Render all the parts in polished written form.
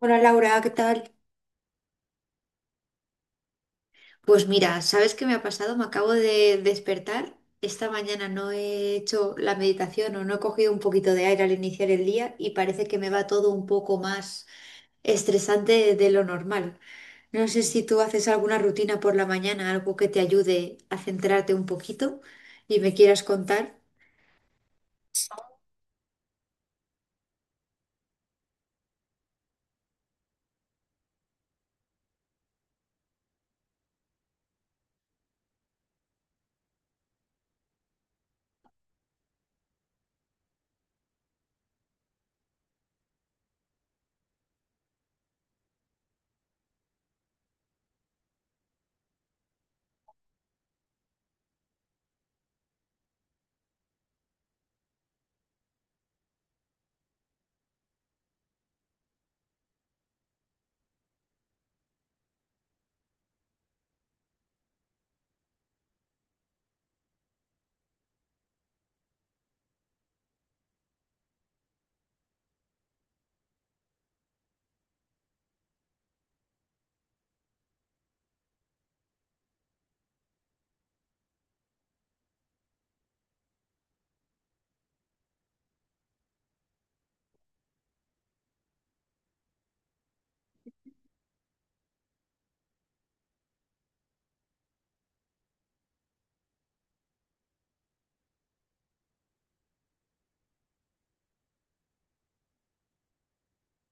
Hola Laura, ¿qué tal? Pues mira, ¿sabes qué me ha pasado? Me acabo de despertar. Esta mañana no he hecho la meditación o no he cogido un poquito de aire al iniciar el día y parece que me va todo un poco más estresante de lo normal. No sé si tú haces alguna rutina por la mañana, algo que te ayude a centrarte un poquito y me quieras contar.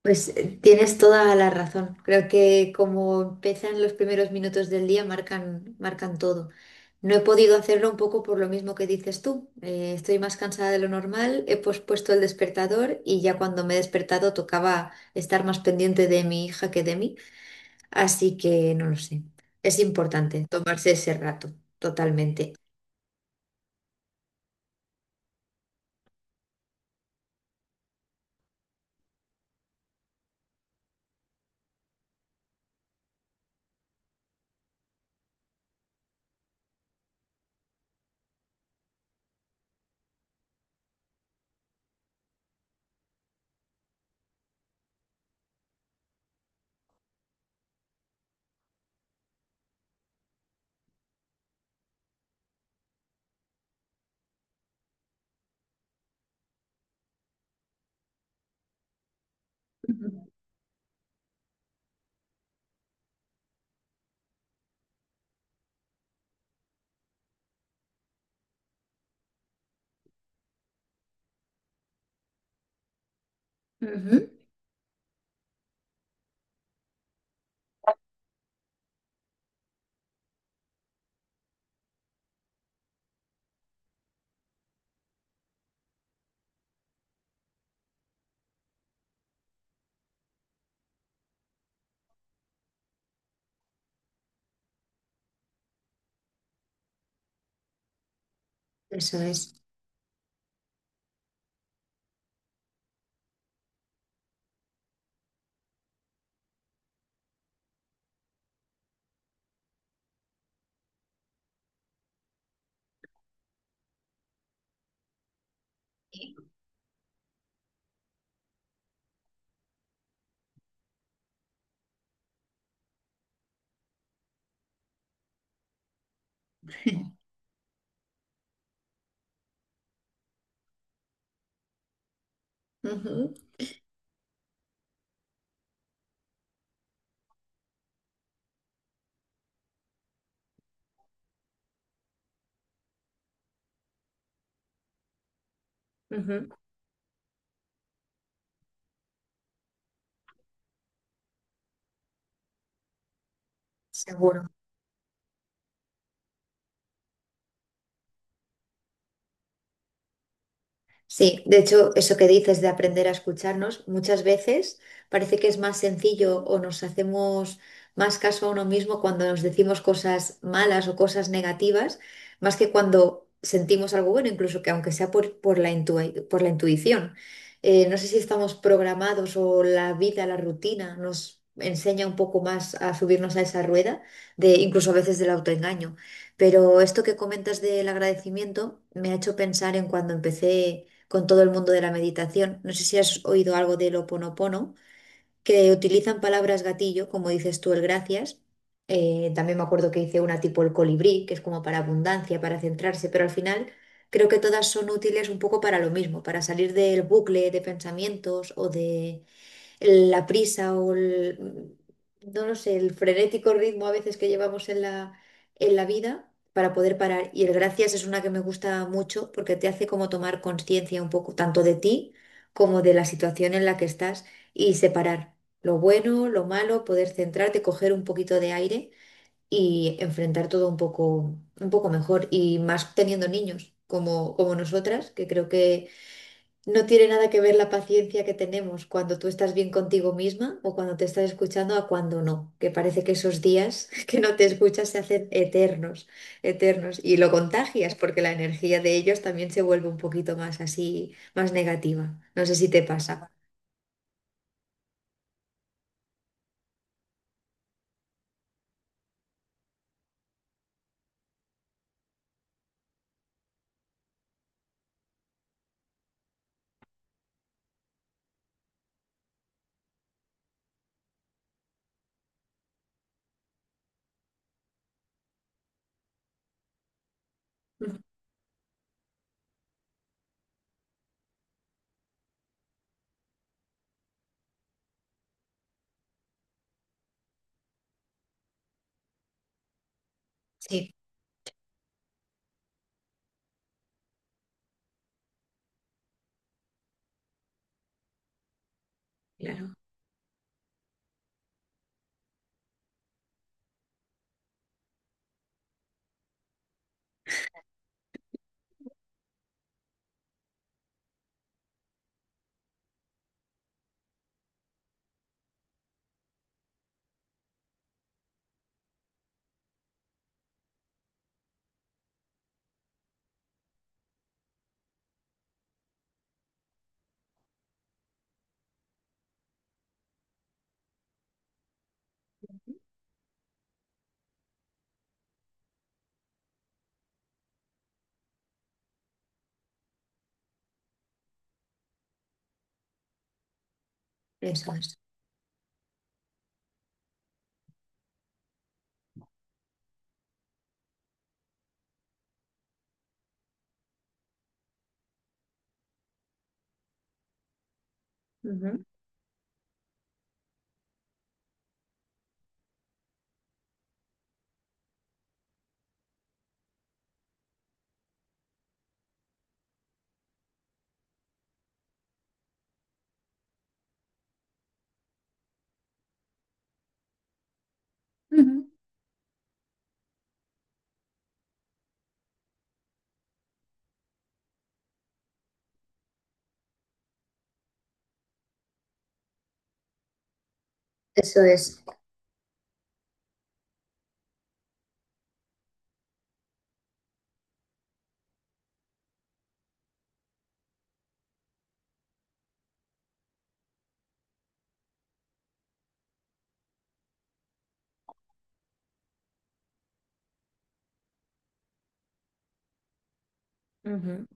Pues tienes toda la razón. Creo que como empiezan los primeros minutos del día, marcan todo. No he podido hacerlo un poco por lo mismo que dices tú. Estoy más cansada de lo normal, he pospuesto el despertador y ya cuando me he despertado tocaba estar más pendiente de mi hija que de mí. Así que no lo sé. Es importante tomarse ese rato, totalmente. Ujú. Ujú. Eso es. Ujú, ujú. Seguro. Sí, de hecho, eso que dices de aprender a escucharnos, muchas veces parece que es más sencillo o nos hacemos más caso a uno mismo cuando nos decimos cosas malas o cosas negativas, más que cuando sentimos algo bueno, incluso que aunque sea por la intuición. No sé si estamos programados o la vida, la rutina nos enseña un poco más a subirnos a esa rueda, de, incluso a veces del autoengaño. Pero esto que comentas del agradecimiento me ha hecho pensar en cuando empecé con todo el mundo de la meditación. No sé si has oído algo del Ho Oponopono, que utilizan palabras gatillo, como dices tú, el gracias. También me acuerdo que hice una tipo el colibrí, que es como para abundancia, para centrarse, pero al final creo que todas son útiles un poco para lo mismo, para salir del bucle de pensamientos o de la prisa o no lo sé, el frenético ritmo a veces que llevamos en la vida para poder parar. Y el gracias es una que me gusta mucho porque te hace como tomar conciencia un poco tanto de ti como de la situación en la que estás y separar lo bueno, lo malo, poder centrarte, coger un poquito de aire y enfrentar todo un poco mejor y más teniendo niños como nosotras, que creo que no tiene nada que ver la paciencia que tenemos cuando tú estás bien contigo misma o cuando te estás escuchando a cuando no, que parece que esos días que no te escuchas se hacen eternos, eternos, y lo contagias porque la energía de ellos también se vuelve un poquito más así, más negativa. No sé si te pasa. Ujú. Sí, claro, eso es. Ujú, ujú, eso es. Ujú.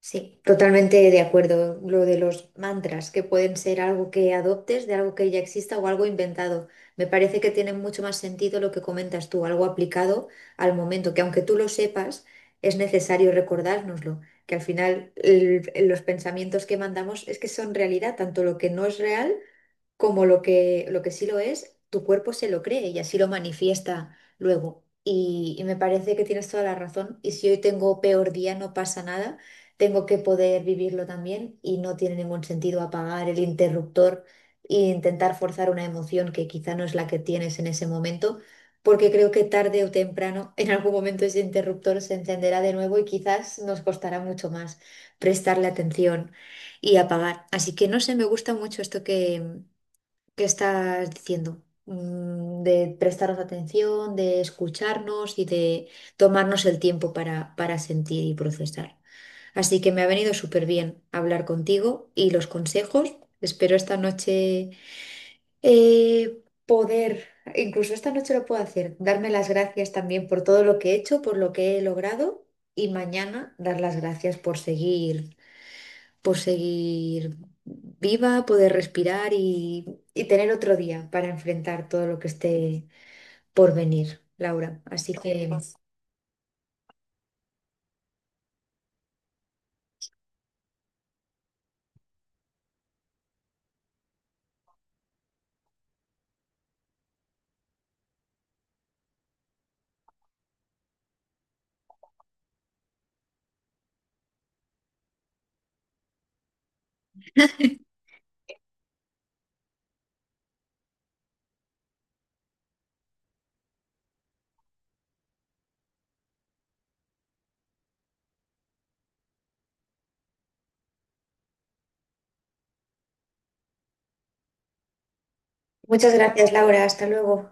Sí, totalmente de acuerdo. Lo de los mantras, que pueden ser algo que adoptes de algo que ya exista o algo inventado. Me parece que tiene mucho más sentido lo que comentas tú, algo aplicado al momento, que aunque tú lo sepas, es necesario recordárnoslo, que al final el- los pensamientos que mandamos es que son realidad, tanto lo que no es real como lo que sí lo es, tu cuerpo se lo cree y así lo manifiesta luego. Y me parece que tienes toda la razón. Y si hoy tengo peor día, no pasa nada. Tengo que poder vivirlo también y no tiene ningún sentido apagar el interruptor e intentar forzar una emoción que quizá no es la que tienes en ese momento, porque creo que tarde o temprano, en algún momento ese interruptor se encenderá de nuevo y quizás nos costará mucho más prestarle atención y apagar. Así que no sé, me gusta mucho esto que estás diciendo, de prestaros atención, de escucharnos y de tomarnos el tiempo para sentir y procesar. Así que me ha venido súper bien hablar contigo y los consejos. Espero esta noche poder, incluso esta noche lo puedo hacer, darme las gracias también por todo lo que he hecho, por lo que he logrado y mañana dar las gracias por seguir viva, poder respirar y tener otro día para enfrentar todo lo que esté por venir, Laura. Así que muchas gracias, Laura. Hasta luego.